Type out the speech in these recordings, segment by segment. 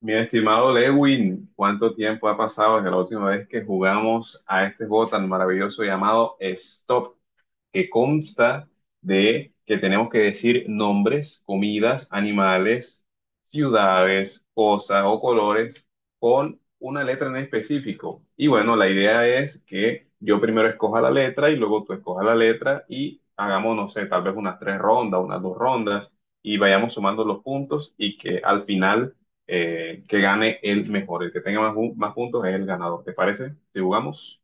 Mi estimado Lewin, ¿cuánto tiempo ha pasado desde la última vez que jugamos a este juego tan maravilloso llamado Stop? Que consta de que tenemos que decir nombres, comidas, animales, ciudades, cosas o colores con una letra en específico. Y bueno, la idea es que yo primero escoja la letra y luego tú escojas la letra y hagamos, no sé, tal vez unas tres rondas, unas dos rondas y vayamos sumando los puntos y que al final que gane el mejor, el que tenga más, más puntos es el ganador. ¿Te parece? Si jugamos,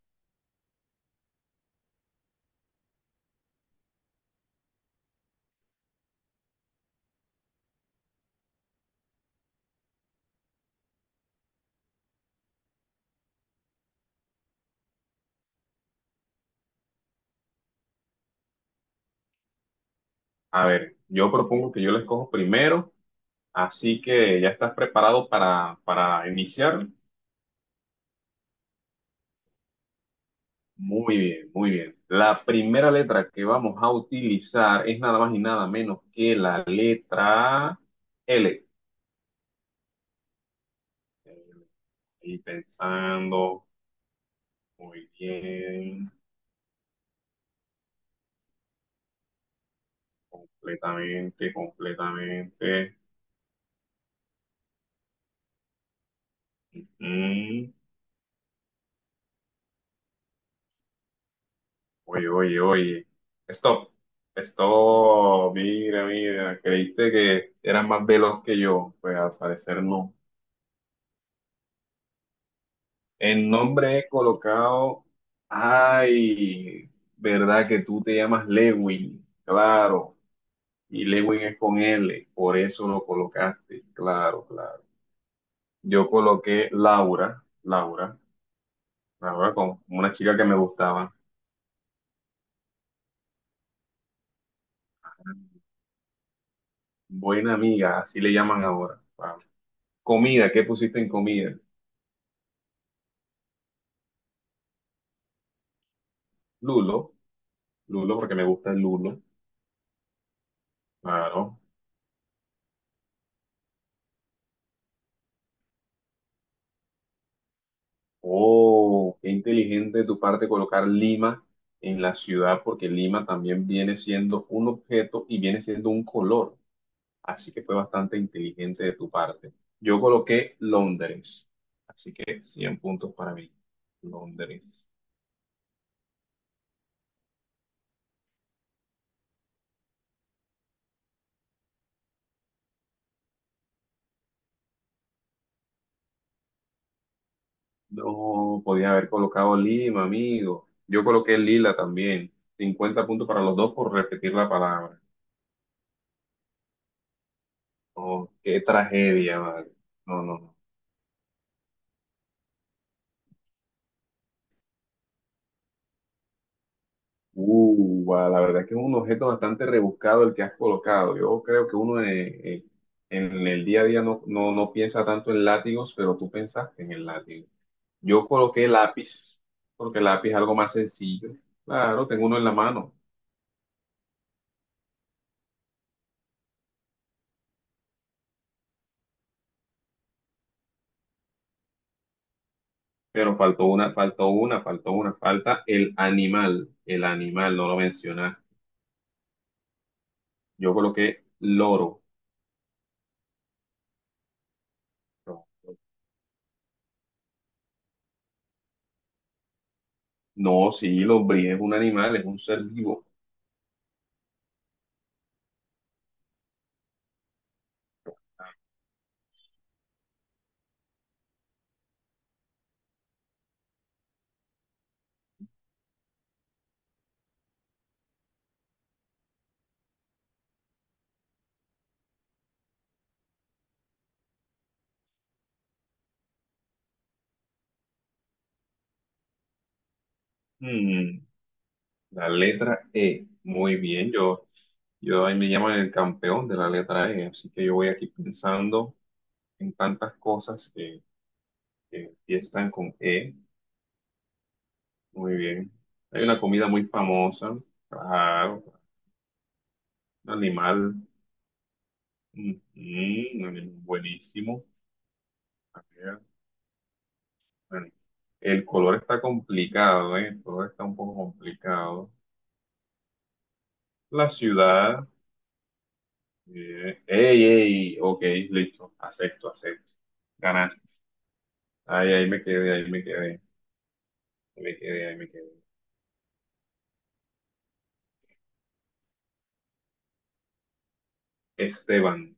a ver, yo propongo que yo la escojo primero. Así que ya estás preparado para iniciar. Muy bien, muy bien. La primera letra que vamos a utilizar es nada más y nada menos que la letra L. Y pensando muy bien, completamente, completamente. Mm, oye, oye, oye. Stop, stop. Mira, mira. Creíste que eras más veloz que yo. Pues al parecer no. El nombre he colocado. Ay, verdad que tú te llamas Lewin, claro. Y Lewin es con L, por eso lo colocaste, claro, claro. Yo coloqué Laura, Laura, Laura con una chica que me gustaba. Buena amiga, así le llaman ahora. Claro. Comida, ¿qué pusiste en comida? Lulo, Lulo, porque me gusta el Lulo, claro. Oh, qué inteligente de tu parte colocar Lima en la ciudad, porque Lima también viene siendo un objeto y viene siendo un color. Así que fue bastante inteligente de tu parte. Yo coloqué Londres, así que 100 puntos para mí. Londres. No, podía haber colocado Lima, amigo. Yo coloqué Lila también. 50 puntos para los dos por repetir la palabra. Oh, qué tragedia, madre. No, no, no. Guau, la verdad que es un objeto bastante rebuscado el que has colocado. Yo creo que uno en el día a día no, no, no piensa tanto en látigos, pero tú pensaste en el látigo. Yo coloqué lápiz, porque lápiz es algo más sencillo. Claro, tengo uno en la mano, pero faltó una, faltó una, faltó una. Falta el animal, no lo mencionas. Yo coloqué loro. No, no, sí, lombriz es un animal, es un ser vivo. Mm, la letra E. Muy bien, yo. Yo ahí me llaman el campeón de la letra E, así que yo voy aquí pensando en tantas cosas que empiezan con E. Muy bien. Hay una comida muy famosa, claro, un animal, ujú, un animal buenísimo. A ver, bueno, el color está complicado, ¿eh? El color está un poco complicado. La ciudad, ey, ey, ok, listo, acepto, acepto. Ganaste. Ahí, ahí me quedé, ahí me quedé, ahí me quedé, ahí me quedé. Esteban,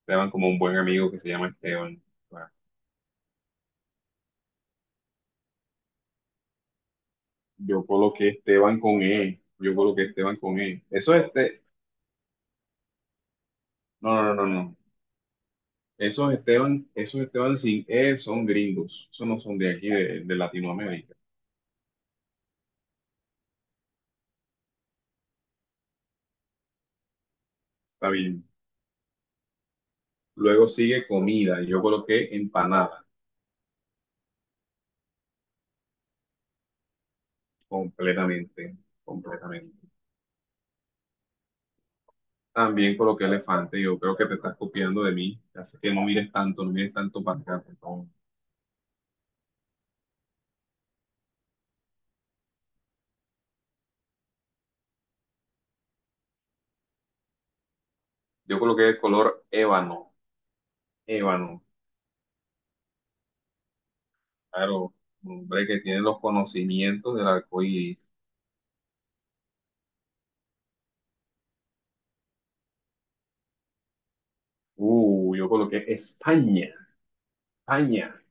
Esteban como un buen amigo que se llama Esteban. Ah, yo coloqué Esteban con E, yo coloqué Esteban con E. Eso es este, no, no, no, no, no. Esos Esteban sin E son gringos, esos no son de aquí, de, Latinoamérica. Está bien. Luego sigue comida, yo coloqué empanada, completamente, completamente. También coloqué elefante, yo creo que te estás copiando de mí, así que no mires tanto, no mires tanto para acá, por favor. Yo coloqué el color ébano, ébano. Claro, un hombre que tiene los conocimientos del arco iris. Yo coloqué España, España.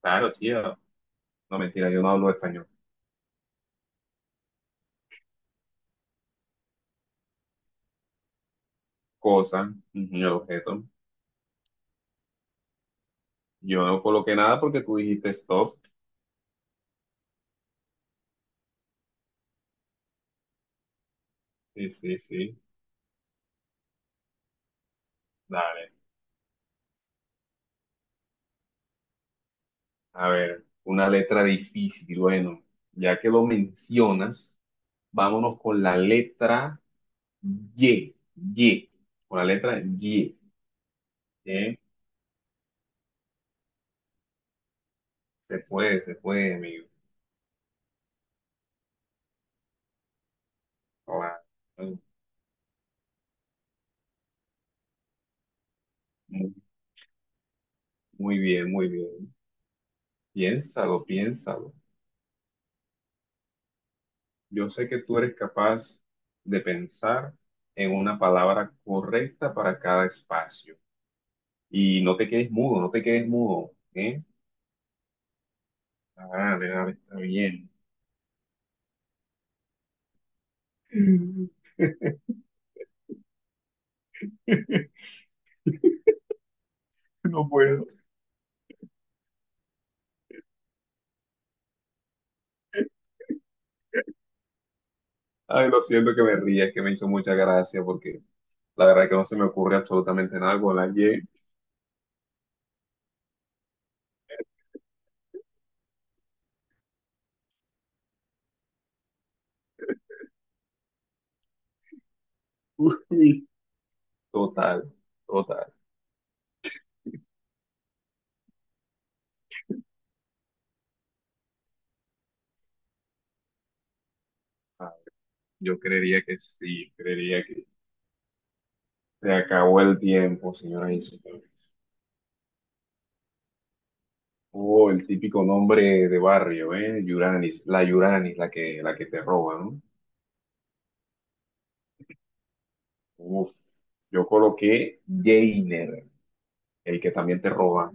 Claro, tío. No, mentira, yo no hablo español. Cosa, ujú, objeto. Yo no coloqué nada porque tú dijiste stop. Sí, sí, sí. Dale. A ver, una letra difícil. Bueno, ya que lo mencionas, vámonos con la letra Y. Y. Con la letra Y. ¿Eh? Se puede, amigo. Hola. Muy bien, muy bien. Piénsalo, piénsalo. Yo sé que tú eres capaz de pensar en una palabra correcta para cada espacio. Y no te quedes mudo, no te quedes mudo, ¿eh? Ah, dale, dale, está bien. No puedo. Ay, lo siento que me ría, es que me hizo mucha gracia porque la verdad que no se me ocurre absolutamente nada con la Y. Uy, total, total. Ay, yo creería que sí, creería que se acabó el tiempo, señora y señores. Oh, el típico nombre de barrio, ¿eh? Yuranis, la Yuranis, la que te roba, ¿no? Uf, yo coloqué Jainer, el que también te roba.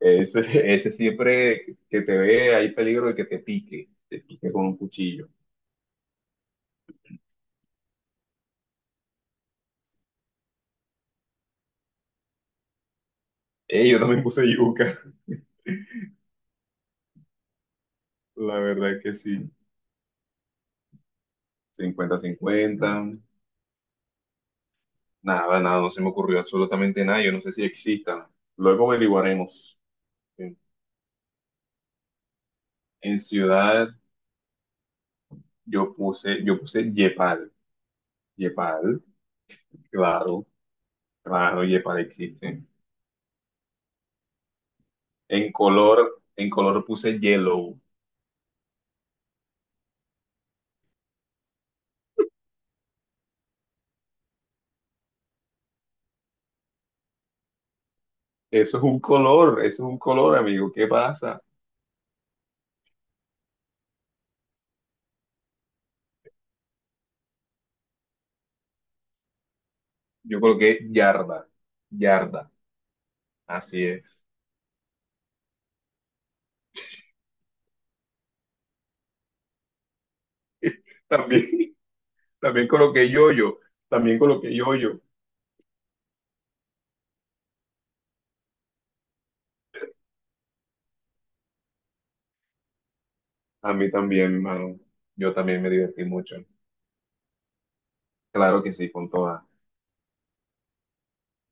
Ese, ese siempre que te ve, hay peligro de que te pique con un cuchillo. Yo también puse yuca, la verdad que sí. 50-50. Nada, nada, no se me ocurrió absolutamente nada, yo no sé si existan. Luego averiguaremos. En, en ciudad yo puse Yepal. Yepal. Claro, claro, yepa existe. En color puse yellow. Eso es un color, eso es un color, amigo. ¿Qué pasa? Yo coloqué yarda, yarda, así es. También, también coloqué yoyo, también coloqué yoyo. A mí también, mano. Yo también me divertí mucho. Claro que sí, con todas.